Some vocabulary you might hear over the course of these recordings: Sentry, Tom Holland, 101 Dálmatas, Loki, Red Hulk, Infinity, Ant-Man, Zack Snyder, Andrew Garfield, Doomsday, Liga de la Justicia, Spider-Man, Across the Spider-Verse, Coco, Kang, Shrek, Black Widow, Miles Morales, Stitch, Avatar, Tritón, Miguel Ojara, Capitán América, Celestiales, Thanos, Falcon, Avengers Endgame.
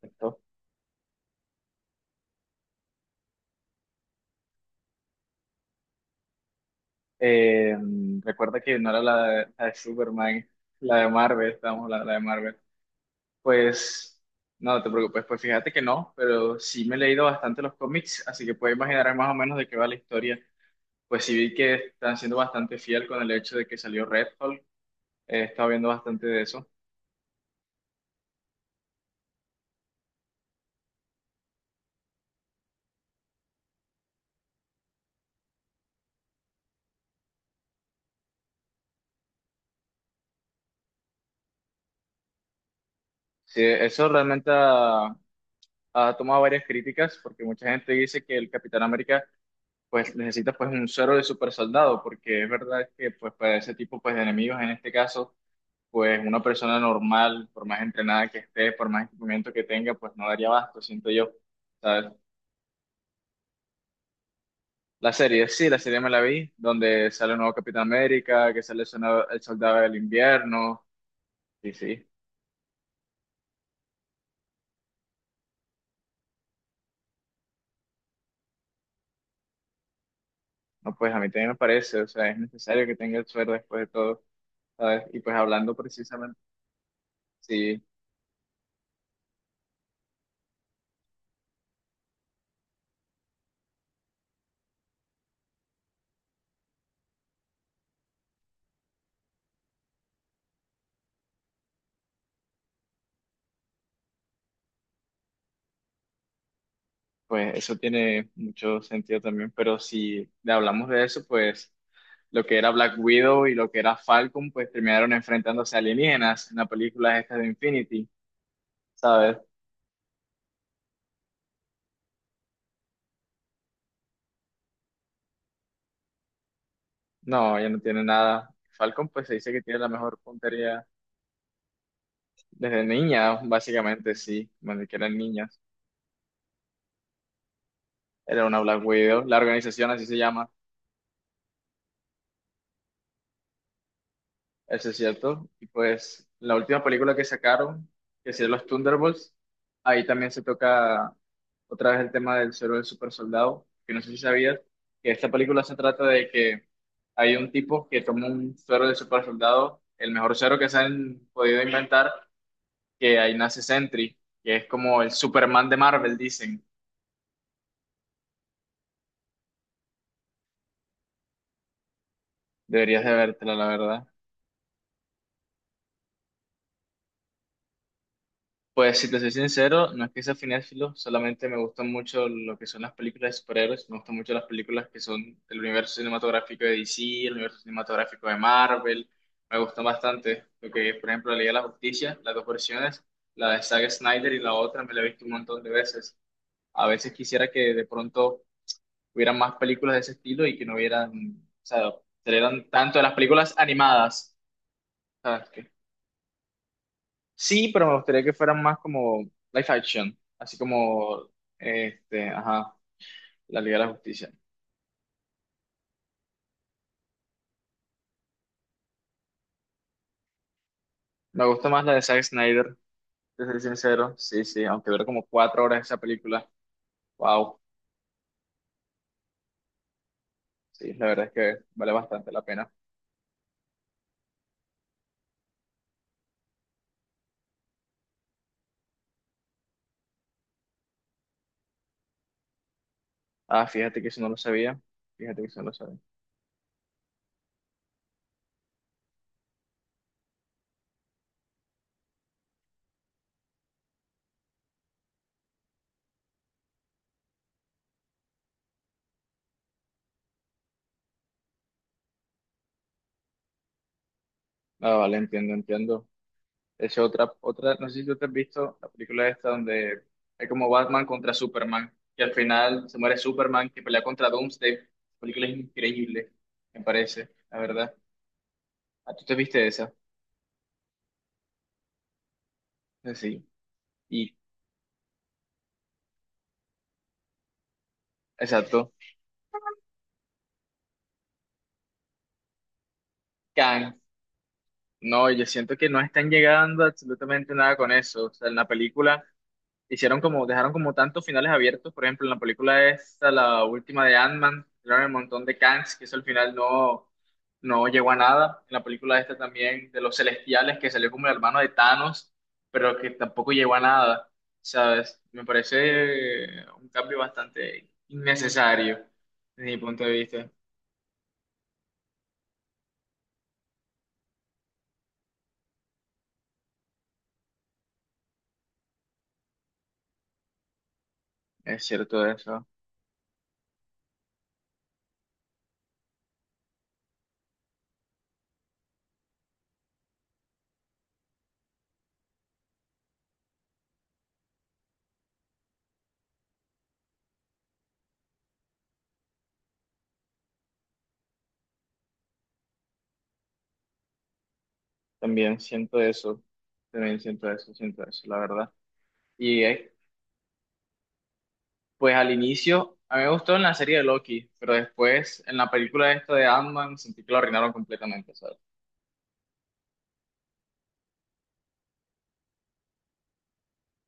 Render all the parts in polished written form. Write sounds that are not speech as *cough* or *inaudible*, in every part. Perfecto. Eh, Recuerda que no era la de Superman, la de Marvel, estamos la de Marvel. Pues no te preocupes, pues fíjate que no, pero sí me he leído bastante los cómics, así que puedes imaginar más o menos de qué va la historia. Pues sí vi que están siendo bastante fiel con el hecho de que salió Red Hulk, he estado viendo bastante de eso. Sí, ha tomado varias críticas, porque mucha gente dice que el Capitán América pues necesitas pues un suero de super soldado, porque es verdad que pues para ese tipo pues de enemigos en este caso, pues una persona normal, por más entrenada que esté, por más equipamiento que tenga, pues no daría abasto, siento yo, ¿sabes? La serie, sí, la serie me la vi, donde sale un nuevo Capitán América, que sale el soldado del invierno, y sí, no, pues a mí también me parece, o sea, es necesario que tenga el suero después de todo, ¿sabes? Y pues hablando precisamente, sí, pues eso tiene mucho sentido también, pero si hablamos de eso, pues lo que era Black Widow y lo que era Falcon, pues terminaron enfrentándose a alienígenas en la película esta de Infinity, ¿sabes? No, ella no tiene nada. Falcon, pues se dice que tiene la mejor puntería desde niña, básicamente, sí, cuando que eran niñas. Era una Black Widow, la organización así se llama. Eso es cierto. Y pues la última película que sacaron, que es Los Thunderbolts, ahí también se toca otra vez el tema del suero del super soldado, que no sé si sabías, que esta película se trata de que hay un tipo que toma un suero del super soldado, el mejor suero que se han podido inventar, que ahí nace Sentry, que es como el Superman de Marvel, dicen. Deberías de vértela, la verdad. Pues si te soy sincero, no es que sea cinéfilo, solamente me gustan mucho lo que son las películas de superhéroes, me gustan mucho las películas que son del universo cinematográfico de DC, el universo cinematográfico de Marvel, me gustan bastante lo que, por ejemplo, la Liga de la Justicia, las dos versiones, la de Zack Snyder y la otra me la he visto un montón de veces. A veces quisiera que de pronto hubieran más películas de ese estilo y que no hubieran, o sea, salieran tanto de las películas animadas, ¿sabes? Sí, pero me gustaría que fueran más como live action, así como, este, ajá, la Liga de la Justicia. Me gusta más la de Zack Snyder, te soy sincero, sí, sí, aunque duró como cuatro horas esa película, wow, sí, la verdad es que vale bastante la pena. Ah, fíjate que eso no lo sabía, fíjate que eso no lo sabía. Ah, vale, entiendo, entiendo. No sé si tú te has visto la película esta donde hay como Batman contra Superman, que al final se muere Superman, que pelea contra Doomsday. La película es increíble, me parece, la verdad. ¿A tú te viste esa? Sí. Y exacto. Kang. No, yo siento que no están llegando absolutamente nada con eso. O sea, en la película hicieron como, dejaron como tantos finales abiertos. Por ejemplo, en la película esta, la última de Ant-Man, tiraron el montón de Kangs, que eso al final no llegó a nada. En la película esta también de los Celestiales, que salió como el hermano de Thanos, pero que tampoco llegó a nada. ¿Sabes? Me parece un cambio bastante innecesario desde mi punto de vista. Es cierto eso. También siento eso. También siento eso, la verdad. Y es pues al inicio, a mí me gustó en la serie de Loki, pero después en la película esta de Ant-Man sentí que lo arruinaron completamente, ¿sabes?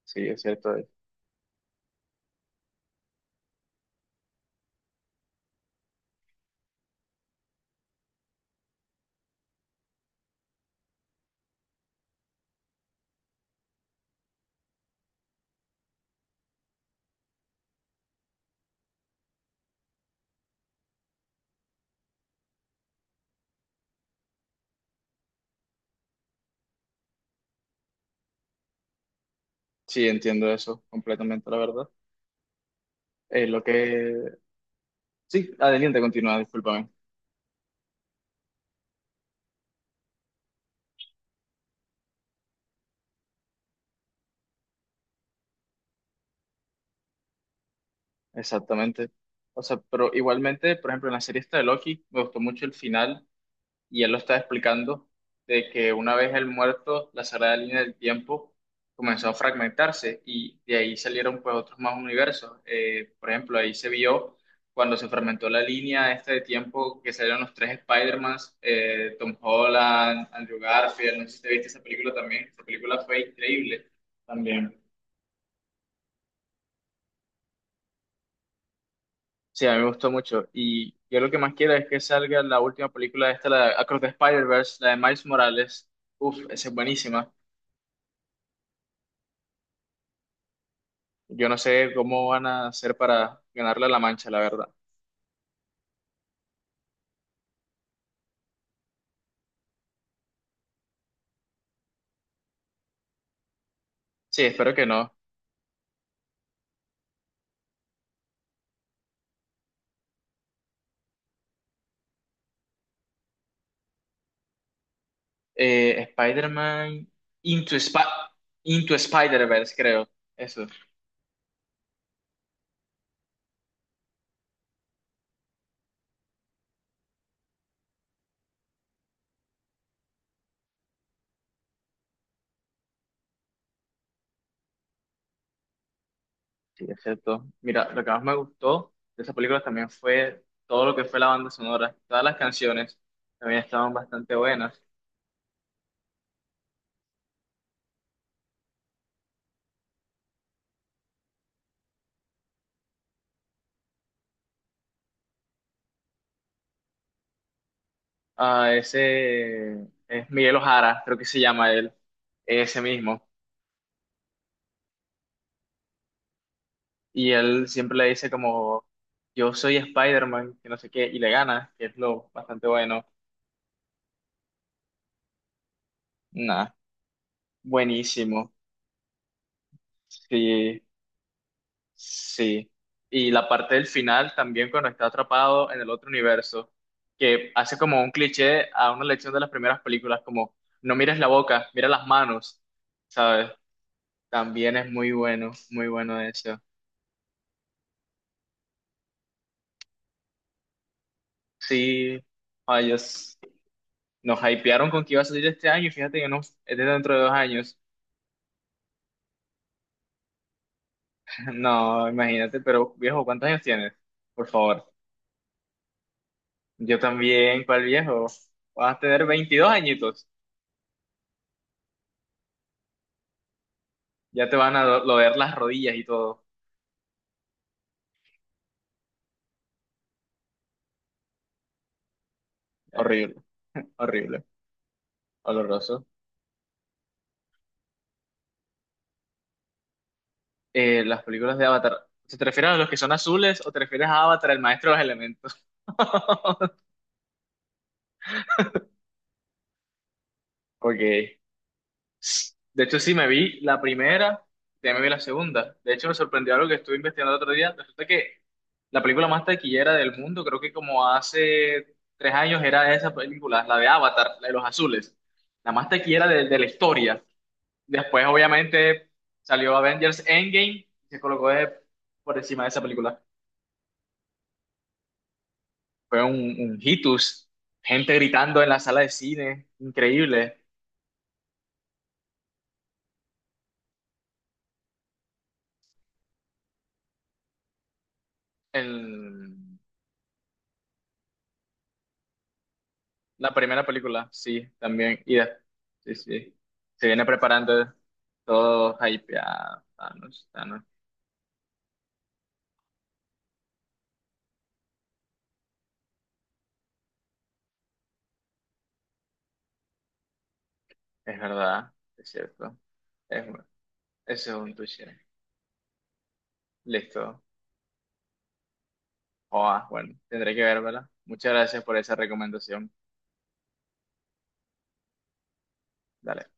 Sí, es cierto. Sí, entiendo eso completamente, la verdad. Eh, lo que... Sí, adelante, continúa, discúlpame. Exactamente. O sea, pero igualmente, por ejemplo, en la serie esta de Loki, me gustó mucho el final y él lo está explicando de que una vez el muerto, la sagrada línea del tiempo comenzó a fragmentarse y de ahí salieron pues otros más universos. Por ejemplo, ahí se vio cuando se fragmentó la línea esta de tiempo que salieron los tres Spider-Mans, Tom Holland, Andrew Garfield, no sé si te viste esa película también, esa película fue increíble también. Sí, a mí me gustó mucho. Y yo lo que más quiero es que salga la última película esta, la de Across the Spider-Verse, la de Miles Morales. Uf, esa es buenísima. Yo no sé cómo van a hacer para ganarle a la Mancha, la verdad. Sí, espero que no. Eh, Spider-Man Into, Spi- Into Spider-Verse, creo. Eso. Sí, excepto. Mira, lo que más me gustó de esa película también fue todo lo que fue la banda sonora. Todas las canciones también estaban bastante buenas. Ah, ese es Miguel Ojara, creo que se llama él, ese mismo. Y él siempre le dice como, yo soy Spider-Man, que no sé qué, y le gana, que es lo bastante bueno. Nah, buenísimo. Sí, sí. Y la parte del final también cuando está atrapado en el otro universo, que hace como un cliché a una lección de las primeras películas, como no mires la boca, mira las manos, ¿sabes? También es muy bueno, muy bueno eso. Sí, ay, Dios. Nos hypearon con que iba a salir este año y fíjate que no, es de dentro de dos años. *laughs* No, imagínate, pero viejo, ¿cuántos años tienes? Por favor. Yo también, ¿cuál viejo? Vas a tener 22 añitos. Ya te van a doler las rodillas y todo. Horrible, horrible, oloroso. Las películas de Avatar, ¿se te refieres a los que son azules o te refieres a Avatar, el maestro de los elementos? *laughs* Ok. De hecho, sí me vi la primera, ya me vi la segunda. De hecho, me sorprendió algo que estuve investigando el otro día. Resulta que la película más taquillera del mundo, creo que como hace tres años era esa película, la de Avatar, la de los azules. La más taquillera de la historia. Después, obviamente, salió Avengers Endgame y se colocó por encima de esa película. Fue un hitus. Gente gritando en la sala de cine. Increíble. El, La primera película, sí, también. Sí, sí. Se viene preparando todo hypeado. Thanos, Thanos. Es verdad, es cierto. Es, ese es un touché. Listo. Joa, bueno, tendré que vérmela. Muchas gracias por esa recomendación. Dale.